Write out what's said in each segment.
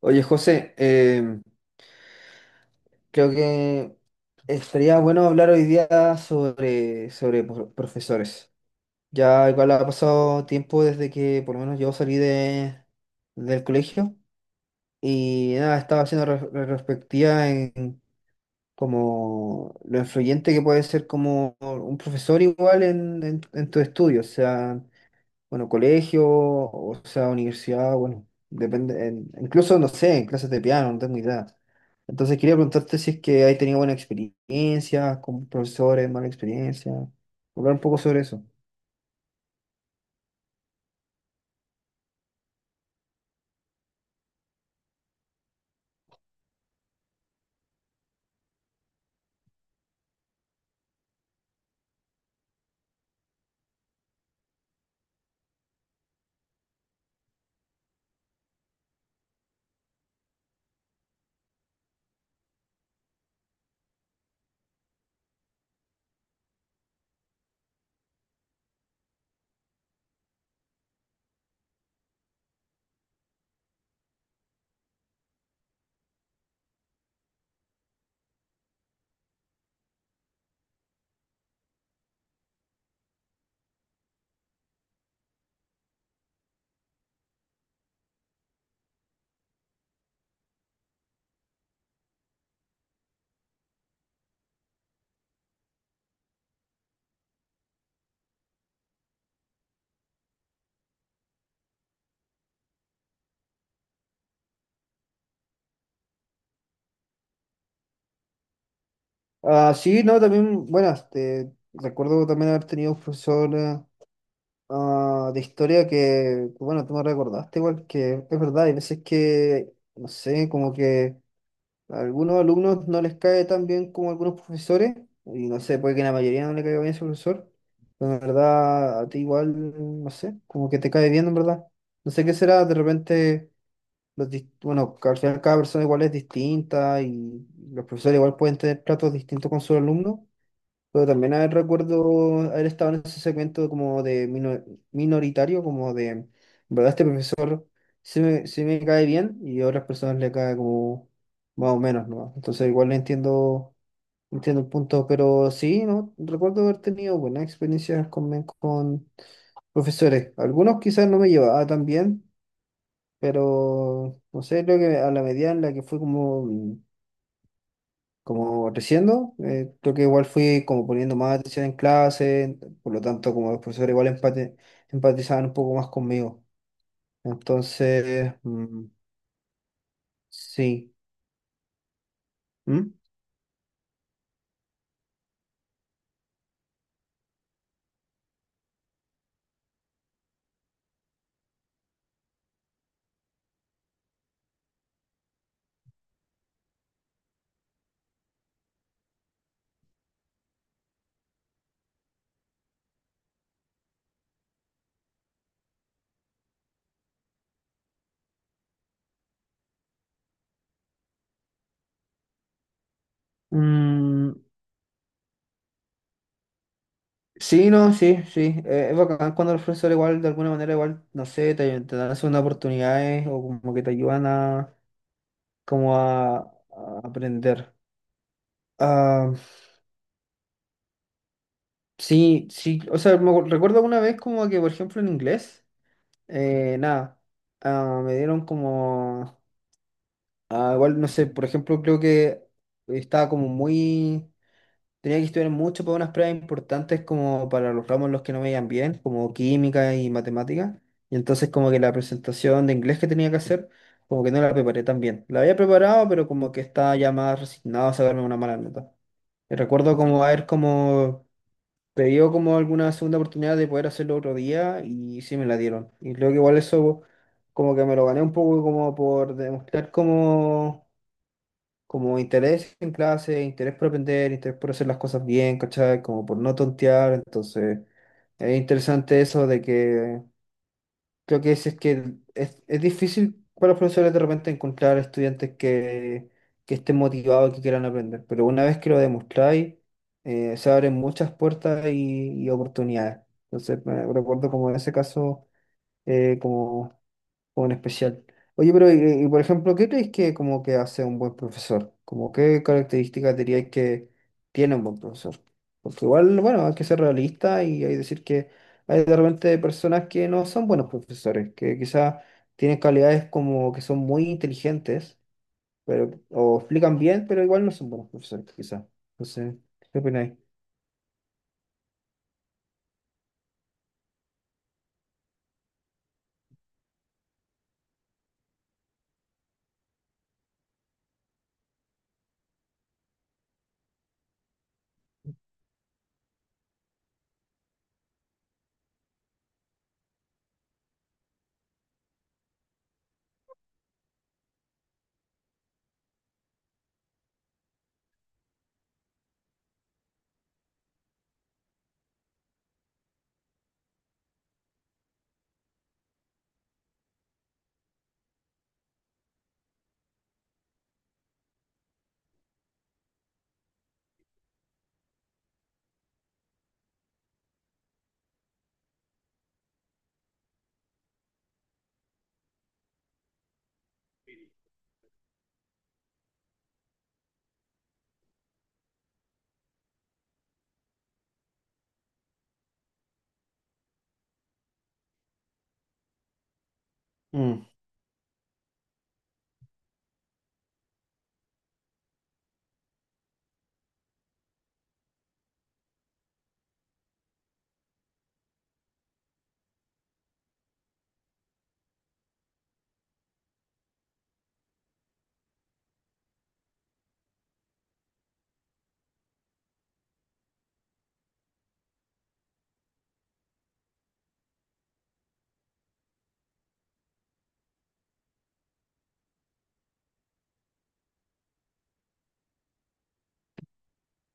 Oye, José, creo que estaría bueno hablar hoy día sobre profesores. Ya igual ha pasado tiempo desde que por lo menos yo salí de, del colegio y nada, estaba haciendo retrospectiva en como lo influyente que puede ser como un profesor igual en tu estudio. O sea, bueno, colegio, o sea, universidad, bueno, depende, incluso, no sé, en clases de piano, no tengo idea. Entonces quería preguntarte si es que hay tenido buena experiencia, con profesores, mala experiencia, hablar un poco sobre eso. Ah, sí, no, también, bueno, este, recuerdo también haber tenido un profesor ah, de historia que, bueno, tú me recordaste igual, que es verdad, hay veces que, no sé, como que a algunos alumnos no les cae tan bien como a algunos profesores, y no sé, puede que la mayoría no le caiga bien su profesor, pero en verdad a ti igual, no sé, como que te cae bien en verdad. No sé qué será, de repente, los, bueno, que al final cada persona igual es distinta y los profesores igual pueden tener tratos distintos con sus alumnos, pero también a recuerdo haber estado en ese segmento como de minoritario, como de, en verdad, este profesor sí me cae bien y a otras personas le cae como más o menos, ¿no? Entonces igual entiendo, entiendo el punto, pero sí, ¿no? Recuerdo haber tenido buenas experiencias con profesores. Algunos quizás no me llevaba tan bien, pero no sé, creo que a la medida en la que fue como como creciendo, creo que igual fui como poniendo más atención en clase, por lo tanto como los profesores igual empatizaban un poco más conmigo. Entonces, mm, sí. ¿Mm? Mm, sí, no, sí, sí. Es bacán cuando los profesores igual, de alguna manera, igual, no sé, te dan segunda oportunidades o como que te ayudan a, como a aprender. Ah, sí, sí, o sea, me recuerdo una vez como que, por ejemplo, en inglés. Nada, ah, me dieron como, ah, igual no sé, por ejemplo, creo que estaba como muy, tenía que estudiar mucho para unas pruebas importantes como para los ramos en los que no me iban bien, como química y matemática, y entonces como que la presentación de inglés que tenía que hacer, como que no la preparé tan bien. La había preparado, pero como que estaba ya más resignado a sacarme una mala nota. Y recuerdo como haber como te como alguna segunda oportunidad de poder hacerlo otro día y sí me la dieron. Y creo que igual eso como que me lo gané un poco como por demostrar como, como interés en clase, interés por aprender, interés por hacer las cosas bien, ¿cachai? Como por no tontear. Entonces es interesante eso de que creo que es, es difícil para los profesores de repente encontrar estudiantes que estén motivados y que quieran aprender, pero una vez que lo demostráis, se abren muchas puertas y oportunidades. Entonces, me recuerdo como en ese caso, como o en especial. Oye, pero y, por ejemplo, ¿qué crees que como que hace un buen profesor? ¿Como qué características diríais que tiene un buen profesor? Porque igual, bueno, hay que ser realista y hay que decir que hay de repente personas que no son buenos profesores, que quizás tienen calidades como que son muy inteligentes, pero, o explican bien, pero igual no son buenos profesores, quizás. Entonces, ¿qué opináis? Mm,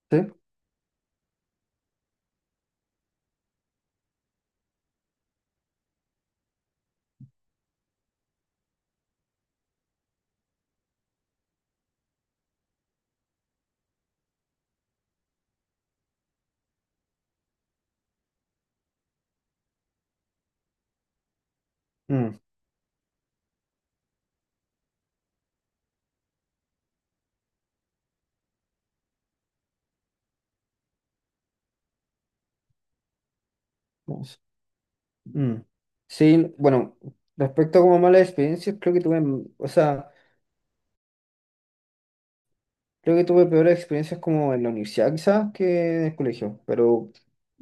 ¿sí? Mm, vamos. Mm. Sí, bueno, respecto a como malas experiencias, creo que tuve, mm, o sea, creo que tuve peores experiencias como en la universidad quizás que en el colegio, pero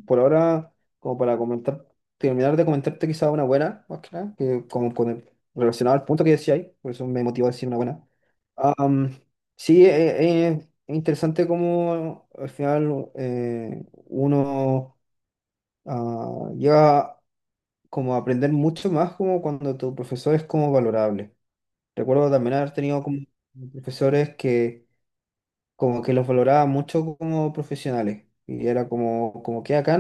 por ahora, como para comentar, terminar de comentarte quizás una buena, más que nada, que como con relacionado al punto que decía ahí, por eso me motivó a decir una buena. Am, sí, es interesante cómo al final uno ah, llega como a aprender mucho más como cuando tu profesor es como valorable. Recuerdo también haber tenido como profesores que como que los valoraba mucho como profesionales y era como, como que acá,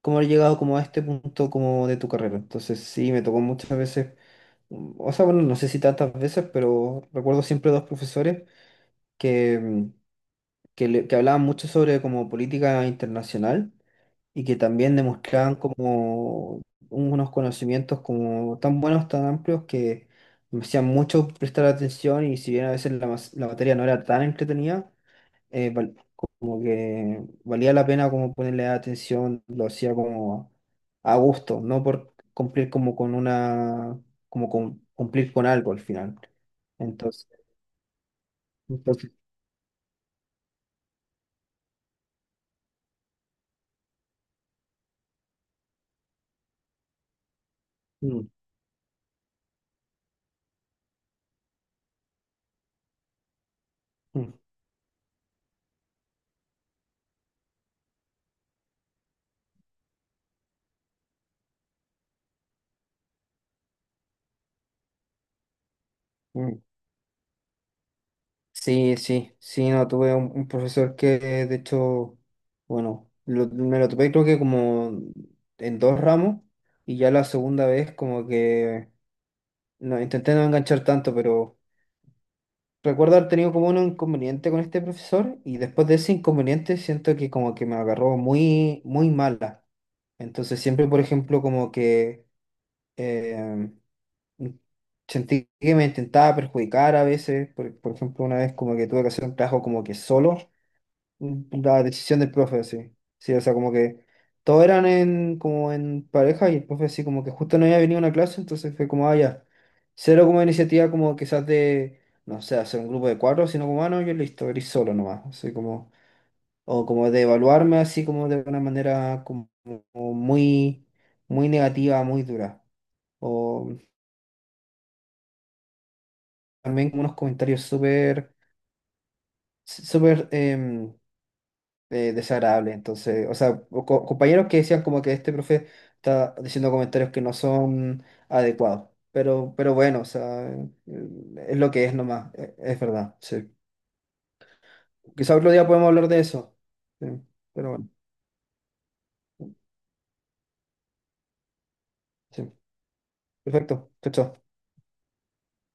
como he llegado como a este punto como de tu carrera. Entonces sí, me tocó muchas veces, mm, o sea, bueno, no sé si tantas veces, pero recuerdo siempre dos profesores que, mm, que hablaban mucho sobre como política internacional y que también demostraban como unos conocimientos como tan buenos, tan amplios que me hacían mucho prestar atención y si bien a veces la materia no era tan entretenida, eh, val- como que valía la pena como ponerle atención, lo hacía como a gusto, no por cumplir como con una, como cumplir con algo al final. Entonces, entonces, mm, mm, mm. Sí, sí, sí, no, tuve un profesor que de hecho, bueno, me lo topé creo que como en dos ramos y ya la segunda vez como que no, intenté no enganchar tanto, pero recuerdo haber tenido como un inconveniente con este profesor y después de ese inconveniente siento que como que me agarró muy, muy mala. Entonces siempre, por ejemplo, como que eh, sentí que me intentaba perjudicar a veces. Por ejemplo, una vez como que tuve que hacer un trabajo como que solo la decisión del profe, sí. Sí, o sea, como que todos eran en, como en pareja y el profe sí, como que justo no había venido a una clase, entonces fue como, ah, ya. Cero como iniciativa como quizás de, no sé, hacer un grupo de cuatro, sino como, ah, no, yo listo, eres solo nomás. Así como, o como de evaluarme así como de una manera como, como muy, muy negativa, muy dura. O también como unos comentarios súper, súper desagradable. Entonces, o sea, o compañeros que decían como que este profe está diciendo comentarios que no son adecuados. Pero bueno, o sea, es lo que es nomás, es verdad, sí. Quizá otro día podemos hablar de eso. Sí, pero bueno, sí. Perfecto. Chao, chao.